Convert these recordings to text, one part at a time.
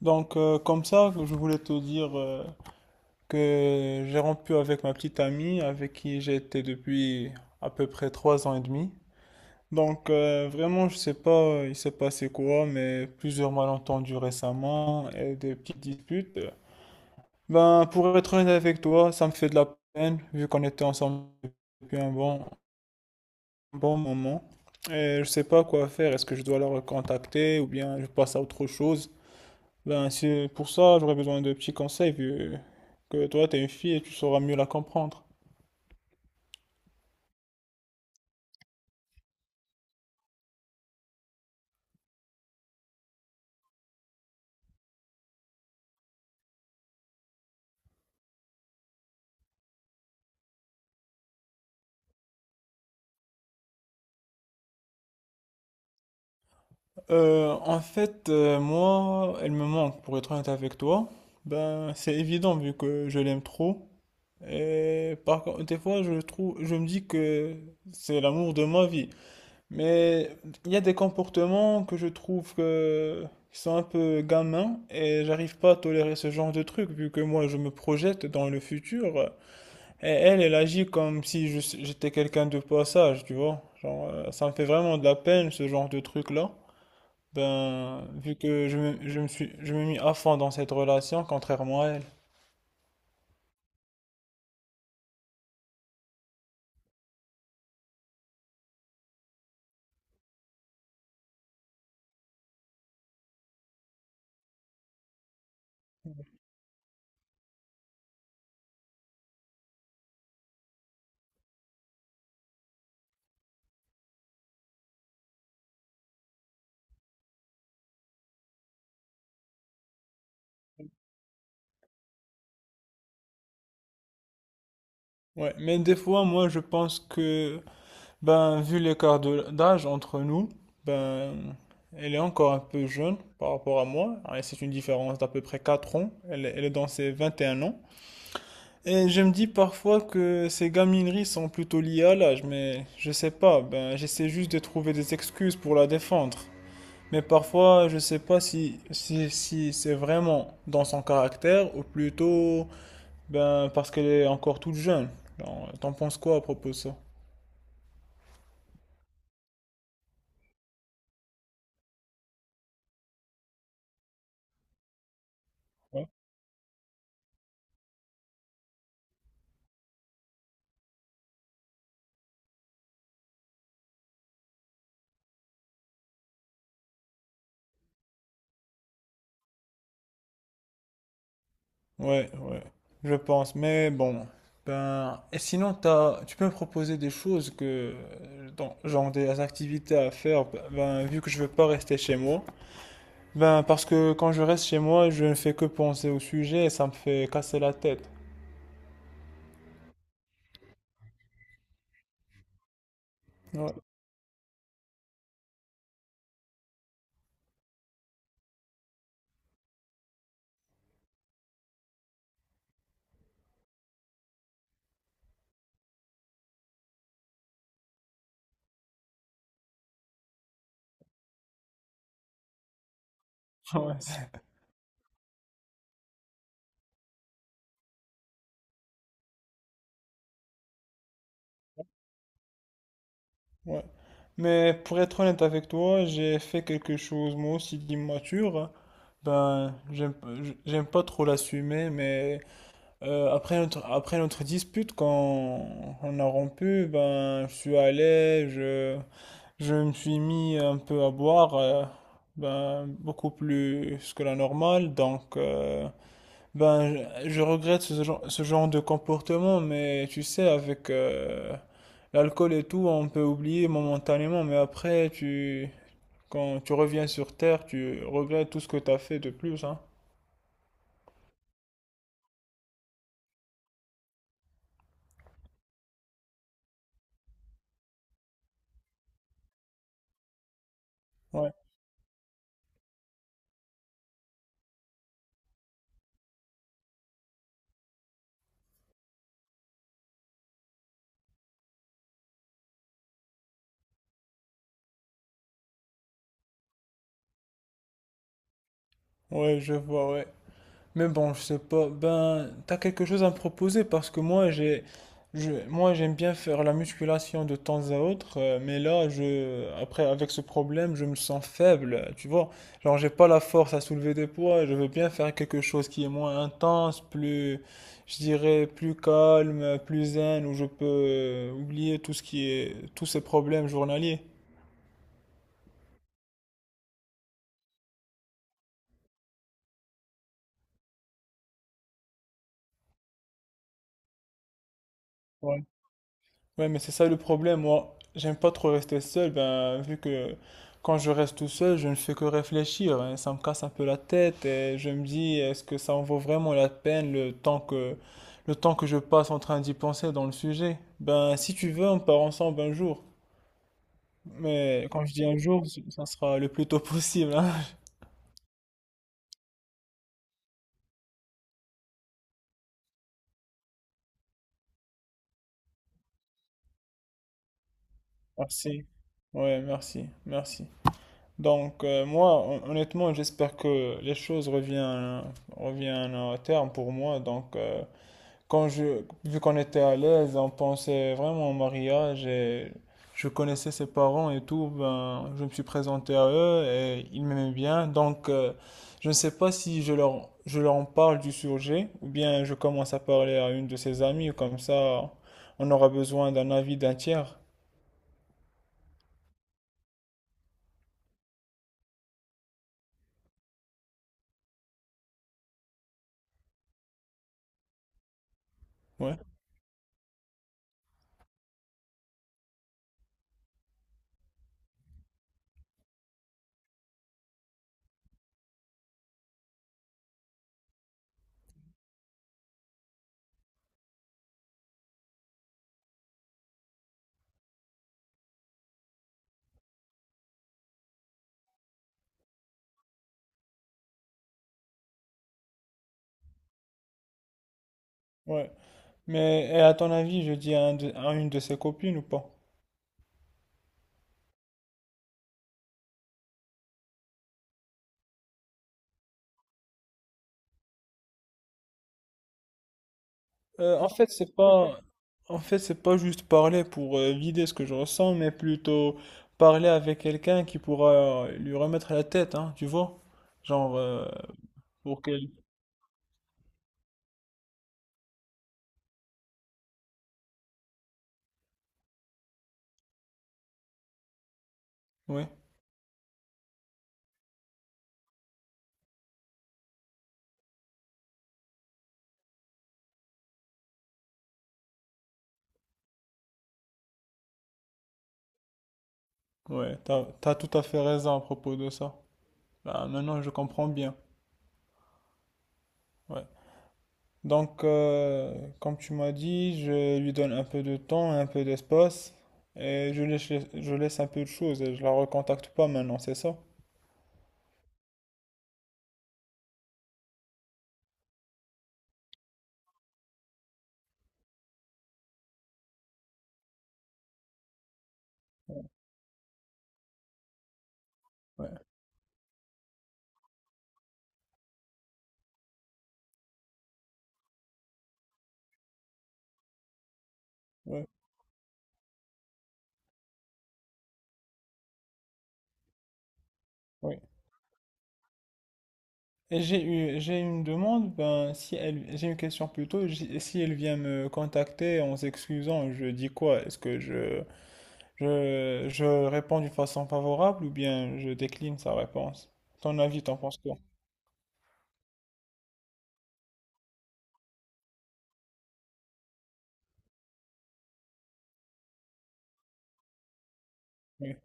Comme ça, je voulais te dire que j'ai rompu avec ma petite amie, avec qui j'étais depuis à peu près 3 ans et demi. Vraiment, je sais pas, il s'est passé quoi, mais plusieurs malentendus récemment et des petites disputes. Ben, pour être honnête avec toi, ça me fait de la peine, vu qu'on était ensemble depuis un bon moment. Et je sais pas quoi faire. Est-ce que je dois la recontacter ou bien je passe à autre chose? Ben, c'est pour ça, j'aurais besoin de petits conseils vu que toi, t'es une fille et tu sauras mieux la comprendre. En fait, moi, elle me manque, pour être honnête avec toi. Ben, c'est évident vu que je l'aime trop. Et par contre, des fois, je trouve, je me dis que c'est l'amour de ma vie. Mais il y a des comportements que je trouve qui sont un peu gamins et j'arrive pas à tolérer ce genre de truc vu que moi, je me projette dans le futur. Et elle, elle agit comme si j'étais quelqu'un de passage, tu vois. Genre, ça me fait vraiment de la peine, ce genre de truc-là. Ben, vu que je me mis à fond dans cette relation, contrairement à elle. Ouais, mais des fois, moi, je pense que, ben, vu l'écart d'âge entre nous, ben, elle est encore un peu jeune par rapport à moi. Et c'est une différence d'à peu près 4 ans. Elle est dans ses 21 ans. Et je me dis parfois que ces gamineries sont plutôt liées à l'âge, mais je sais pas, ben j'essaie juste de trouver des excuses pour la défendre. Mais parfois, je sais pas si c'est vraiment dans son caractère ou plutôt ben parce qu'elle est encore toute jeune. Genre, t'en penses quoi à propos de ça? Ouais, ouais, ouais, je pense, mais bon. Ben, et sinon, tu peux me proposer des choses genre des activités à faire, ben, vu que je veux pas rester chez moi. Ben, parce que quand je reste chez moi, je ne fais que penser au sujet et ça me fait casser la tête. Ouais. Ouais, ouais. Mais pour être honnête avec toi, j'ai fait quelque chose moi aussi d'immature. Ben, j'aime pas trop l'assumer, mais après notre dispute, quand on a rompu, ben, je me suis mis un peu à boire, ben, beaucoup plus que la normale, donc. Ben, je regrette ce genre de comportement, mais tu sais, avec l'alcool et tout, on peut oublier momentanément, mais après, quand tu reviens sur Terre, tu regrettes tout ce que tu as fait de plus, hein. Ouais, ouais, je vois, ouais. Mais bon, je sais pas. Ben, t'as quelque chose à me proposer parce que moi, moi, j'aime bien faire la musculation de temps à autre, mais là, après, avec ce problème, je me sens faible, tu vois. Genre, j'ai pas la force à soulever des poids. Je veux bien faire quelque chose qui est moins intense, plus, je dirais, plus calme, plus zen, où je peux oublier tout ce qui est, tous ces problèmes journaliers. Ouais, mais c'est ça le problème. Moi, j'aime pas trop rester seul, ben, vu que quand je reste tout seul, je ne fais que réfléchir, hein. Ça me casse un peu la tête et je me dis, est-ce que ça en vaut vraiment la peine le temps que je passe en train d'y penser dans le sujet? Ben, si tu veux, on part ensemble un jour. Mais quand je dis un jour, ça sera le plus tôt possible, hein. Merci. Ouais, merci, merci. Moi, honnêtement, j'espère que les choses reviennent à terme pour moi. Vu qu'on était à l'aise, on pensait vraiment au mariage et je connaissais ses parents et tout, ben, je me suis présenté à eux et ils m'aimaient bien. Je ne sais pas si je leur en parle du sujet ou bien je commence à parler à une de ses amies, comme ça, on aura besoin d'un avis d'un tiers. Ouais, ouais. Mais et à ton avis, je dis à une de ses copines ou pas? En fait, c'est pas juste parler pour vider ce que je ressens, mais plutôt parler avec quelqu'un qui pourra lui remettre la tête, hein, tu vois? Genre, pour qu'elle. Oui, ouais, t'as tout à fait raison à propos de ça. Là, maintenant, je comprends bien. Ouais. Donc, euh, Comme tu m'as dit, je lui donne un peu de temps, un peu d'espace, et je laisse un peu de choses et je la recontacte pas maintenant, c'est ça? Ouais, ouais, oui. Et j'ai une demande, ben, si elle, j'ai une question plutôt, si elle vient me contacter en s'excusant, je dis quoi? Est-ce que je réponds d'une façon favorable ou bien je décline sa réponse? Ton avis, t'en penses quoi? Oui,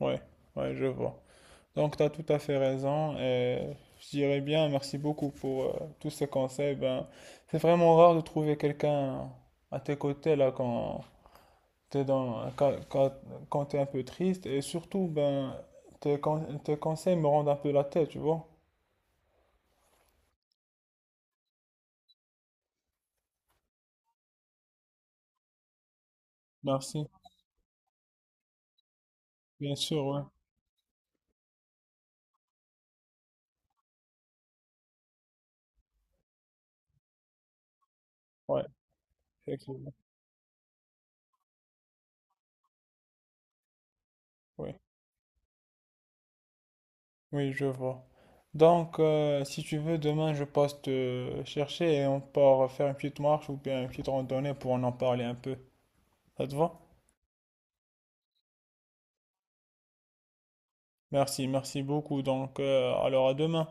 ouais, ouais, je vois. Donc, t'as tout à fait raison et je dirais bien merci beaucoup pour tous ces conseils. Ben, c'est vraiment rare de trouver quelqu'un à tes côtés là quand, t'es dans, quand, quand, quand t'es un peu triste et surtout, ben, tes conseils me rendent un peu la tête, tu vois. Merci. Bien sûr, ouais. Ouais, effectivement. Oui, oui, je vois. Si tu veux, demain, je passe te chercher et on part faire une petite marche ou bien une petite randonnée pour en parler un peu. Ça te va? Merci, merci beaucoup. Alors à demain.